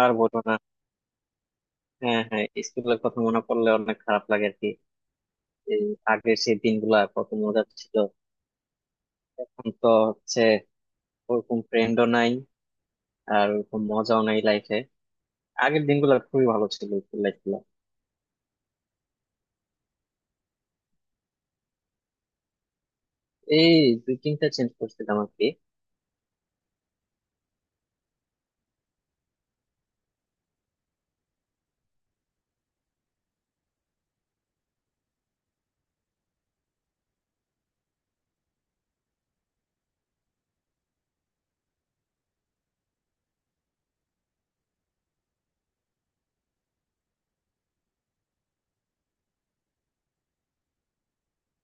আর বলো না। হ্যাঁ, হ্যাঁ, স্কুলের কথা মনে পড়লে অনেক খারাপ লাগে আর কি। এই আগের সেই দিনগুলা কত মজা ছিল। এখন তো হচ্ছে ওরকম ফ্রেন্ডও নাই, আর ওরকম মজাও নাই লাইফে। আগের দিনগুলো খুবই ভালো ছিল, স্কুল লাইফ গুলা। এই দুই তিনটা চেঞ্জ করছিলাম আর কি।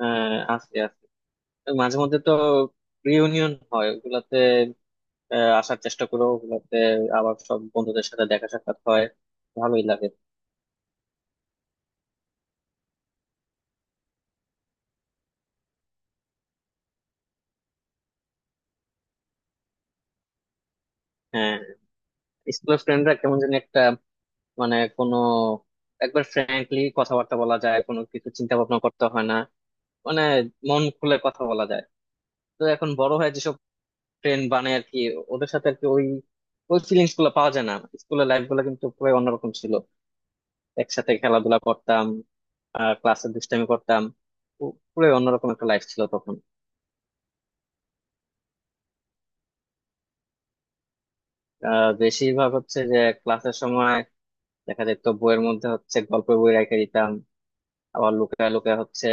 আস্তে আস্তে ওই মাঝে মধ্যে তো রিউনিয়ন হয় ওগুলাতে। আসার চেষ্টা করো ওগুলাতে, আবার সব বন্ধুদের সাথে দেখা সাক্ষাৎ হয়, ভালোই লাগে। হ্যাঁ, স্কুলের ফ্রেন্ডরা কেমন যেন একটা, মানে কোনো, একবার ফ্র্যাঙ্কলি কথাবার্তা বলা যায়, কোনো কিছু চিন্তা ভাবনা করতে হয় না। মানে মন খুলে কথা বলা যায়। তো এখন বড় হয়ে যেসব ফ্রেন্ড বানায় আর কি, ওদের সাথে আর কি ওই ওই ফিলিংস গুলো পাওয়া যায় না। স্কুলের লাইফ গুলো কিন্তু পুরো অন্যরকম ছিল। একসাথে খেলাধুলা করতাম, আর ক্লাসে দুষ্টামি করতাম। পুরো অন্যরকম একটা লাইফ ছিল তখন। বেশিরভাগ হচ্ছে যে ক্লাসের সময় দেখা যেত বইয়ের মধ্যে হচ্ছে গল্পের বই রেখে দিতাম। আবার লুকায় লুকায় হচ্ছে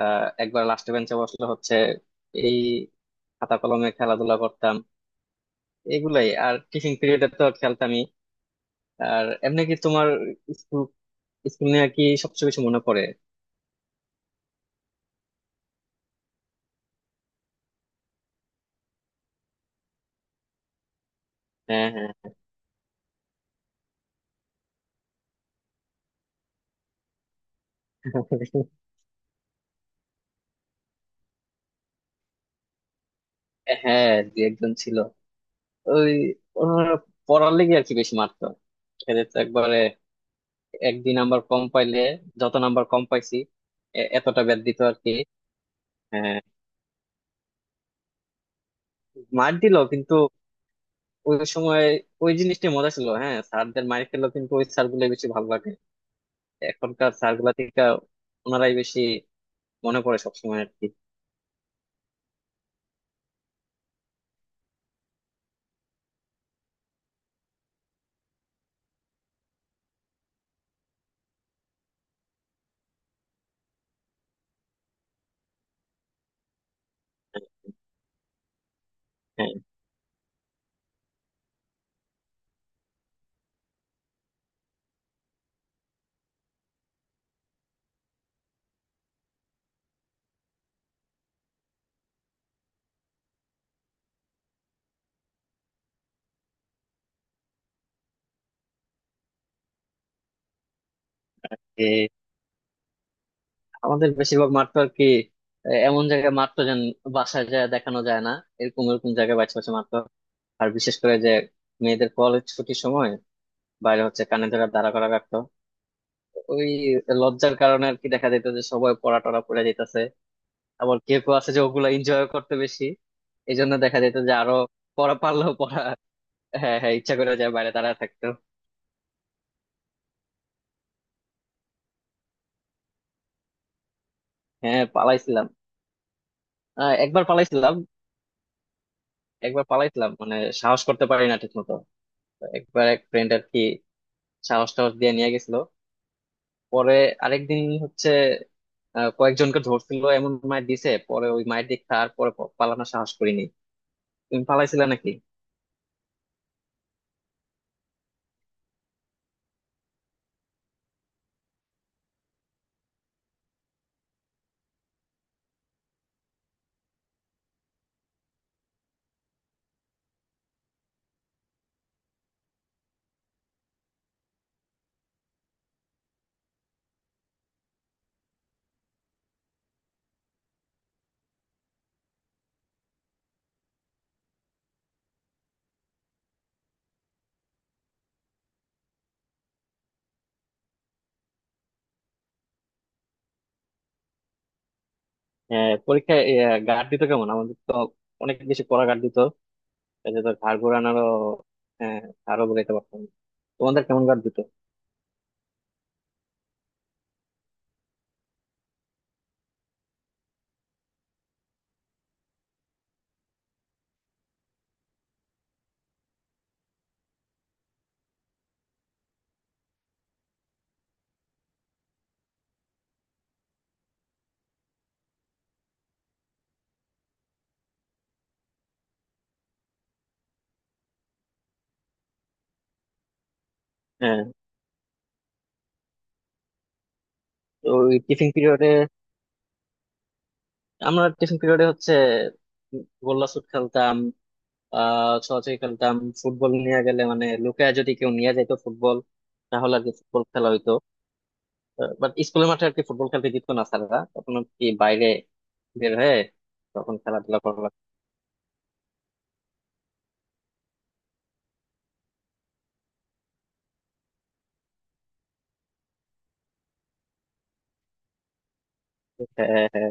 একবার লাস্ট বেঞ্চে বসলে হচ্ছে এই খাতা কলমে খেলাধুলা করতাম এগুলাই, আর টিফিন পিরিয়ডে তো খেলতামই। আর এমনি কি তোমার স্কুল স্কুল নিয়ে কি সবচেয়ে বেশি মনে পড়ে। হ্যাঁ, হ্যাঁ। হ্যাঁ, দু একজন ছিল। ওই ওনারা পড়ার লেগে আর কি বেশি মারতো। এদের তো একবারে এক দুই নাম্বার কম পাইলে, যত নাম্বার কম পাইছি, এতটা ব্যাদ দিত আর কি। হ্যাঁ, মার দিল কিন্তু ওই সময় ওই জিনিসটা মজা ছিল। হ্যাঁ, স্যারদের মাইর খেলেও কিন্তু ওই স্যার গুলো বেশি ভালো লাগে এখনকার স্যার গুলা থেকে। ওনারাই বেশি মনে পড়ে সবসময় আর কি। হ্যাঁ, যে আমাদের বেশিরভাগ মারতো আর কি। আহ, এমন জায়গায় মারতো যেন বাসায় যায় দেখানো যায় না। এরকম এরকম জায়গায় বাছে বাছে মারতো। আর বিশেষ করে যে মেয়েদের কলেজ ছুটির সময় বাইরে হচ্ছে কানে ধরে দাঁড়া করা রাখতো। ওই লজ্জার কারণে আর কি দেখা যেত যে সবাই পড়া টরা পড়ে যেতেছে। আবার কেউ কেউ আছে যে ওগুলা এনজয় করতে বেশি। এই জন্য দেখা যেত যে আরো পড়া পারলেও পড়া হ্যাঁ, হ্যাঁ, ইচ্ছা করে যায় বাইরে দাঁড়ায় থাকতো। হ্যাঁ, পালাইছিলাম। আহ, একবার পালাইছিলাম। একবার পালাইছিলাম মানে সাহস করতে পারি না ঠিক মতো। একবার এক ফ্রেন্ড আর কি সাহস টাহস দিয়ে নিয়ে গেছিল। পরে আরেকদিন হচ্ছে আহ, কয়েকজনকে ধরছিল, এমন মায়ের দিছে পরে ওই মায়ের দিক তারপরে পালানোর সাহস করিনি। তুমি পালাইছিলে নাকি? হ্যাঁ, পরীক্ষায় গার্ড দিত কেমন? আমাদের তো অনেক বেশি পড়া গার্ড দিত। এটা তো ঘাড় ঘোরানোরও হ্যাঁ, আরো বোঝাইতে পারতাম। তোমাদের কেমন কার দিত? হ্যাঁ, তো ওই টিফিন পিরিয়ডে আমরা টিফিন পিরিয়ডে হচ্ছে গোল্লা ছুট খেলতাম। ছোঁয়াছুঁয়ি খেলতাম। ফুটবল নিয়ে গেলে মানে লুকায় যদি কেউ নিয়ে যেত ফুটবল, তাহলে আর কি ফুটবল খেলা হইতো। বাট স্কুলের মাঠে আর কি ফুটবল খেলতে দিত না স্যাররা, তখন আর কি বাইরে বের হয়ে তখন খেলাধুলা করা লাগতো। হ্যাঁ, হ্যাঁ।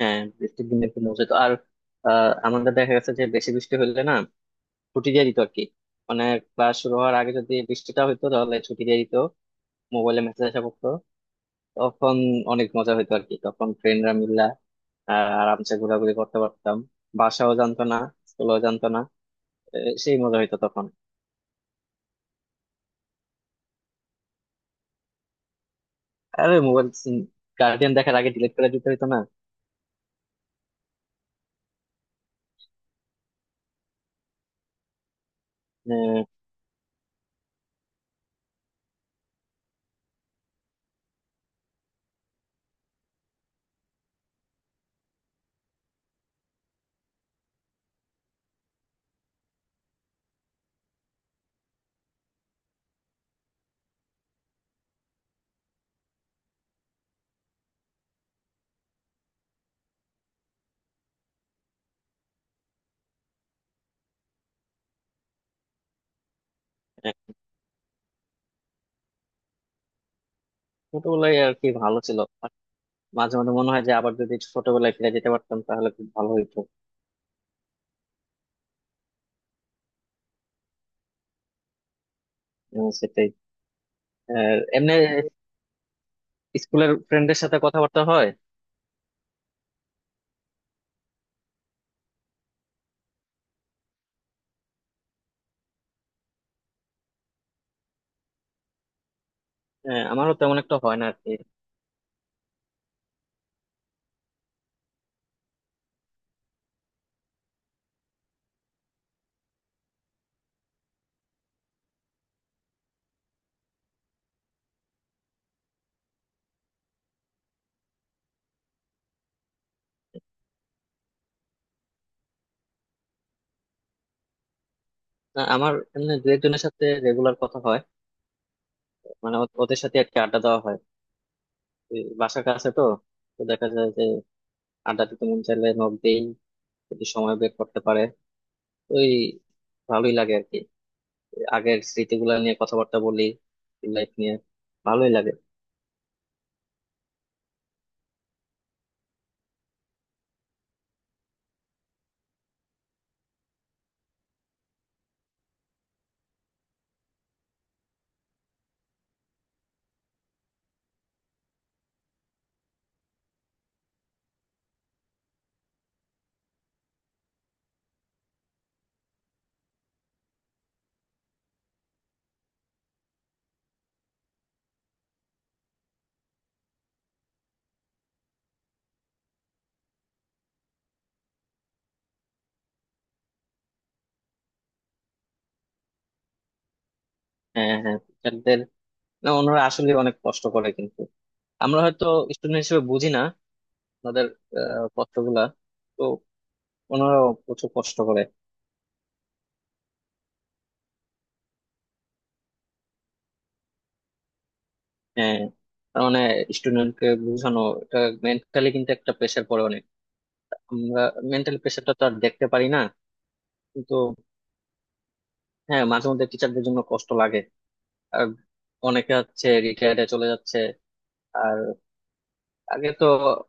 হ্যাঁ, বৃষ্টির দিনে একটু মজা হতো। আর আহ, আমাদের দেখা গেছে যে বেশি বৃষ্টি হলে না ছুটি দিয়ে দিত আর কি। মানে ক্লাস শুরু হওয়ার আগে যদি বৃষ্টিটা হইতো তাহলে ছুটি দিয়ে দিত। মোবাইলে মেসেজ আসা করতো তখন। অনেক মজা হইতো আর কি, তখন ফ্রেন্ডরা মিল্লা আহ, আরামসে ঘোরাঘুরি করতে পারতাম। বাসাও জানতো না, স্কুলও জানতো না। এ, সেই মজা হইতো তখন। আরে মোবাইল গার্ডিয়ান দেখার আগে ডিলিট করে দিতে হইতো না। আহ, ছোটবেলায় আর কি ভালো ছিল। আর মাঝে মাঝে মনে হয় যে আবার যদি ছোটবেলায় ফিরে যেতে পারতাম তাহলে খুব ভালো হইতো। উম, সেটাই। আহ, এমনি স্কুলের ফ্রেন্ডের সাথে কথাবার্তা হয়। হ্যাঁ, আমারও তেমন একটা হয় না আর কি। না, আমার এমনি দু একজনের সাথে রেগুলার কথা হয়। মানে ওদের সাথে আর কি আড্ডা দেওয়া হয়। এই বাসার কাছে তো তো দেখা যায় যে আড্ডা দিতে মন চাইলে নক দেই, যদি সময় বের করতে পারে। ওই ভালোই লাগে আর কি। আগের স্মৃতিগুলো নিয়ে কথাবার্তা বলি, লাইফ নিয়ে, ভালোই লাগে। হ্যাঁ, হ্যাঁ, টিচারদের, না ওনারা আসলে অনেক কষ্ট করে কিন্তু আমরা হয়তো স্টুডেন্ট হিসেবে বুঝি না ওনাদের আহ, কষ্টগুলা তো। ওনারাও প্রচুর কষ্ট করে। হ্যাঁ, তার মানে স্টুডেন্টকে বোঝানো, এটা মেন্টালি কিন্তু একটা প্রেশার পড়ে অনেক। আমরা মেন্টালি প্রেশারটা তো আর দেখতে পারি না, কিন্তু হ্যাঁ, মাঝে মধ্যে টিচারদের জন্য কষ্ট লাগে। আর অনেকে হচ্ছে রিটায়ারে চলে যাচ্ছে। আর আগে তো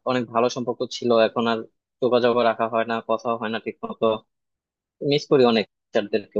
অনেক ভালো সম্পর্ক ছিল, এখন আর যোগাযোগ রাখা হয় না, কথা হয় না ঠিক মতো। মিস করি অনেক টিচারদেরকে।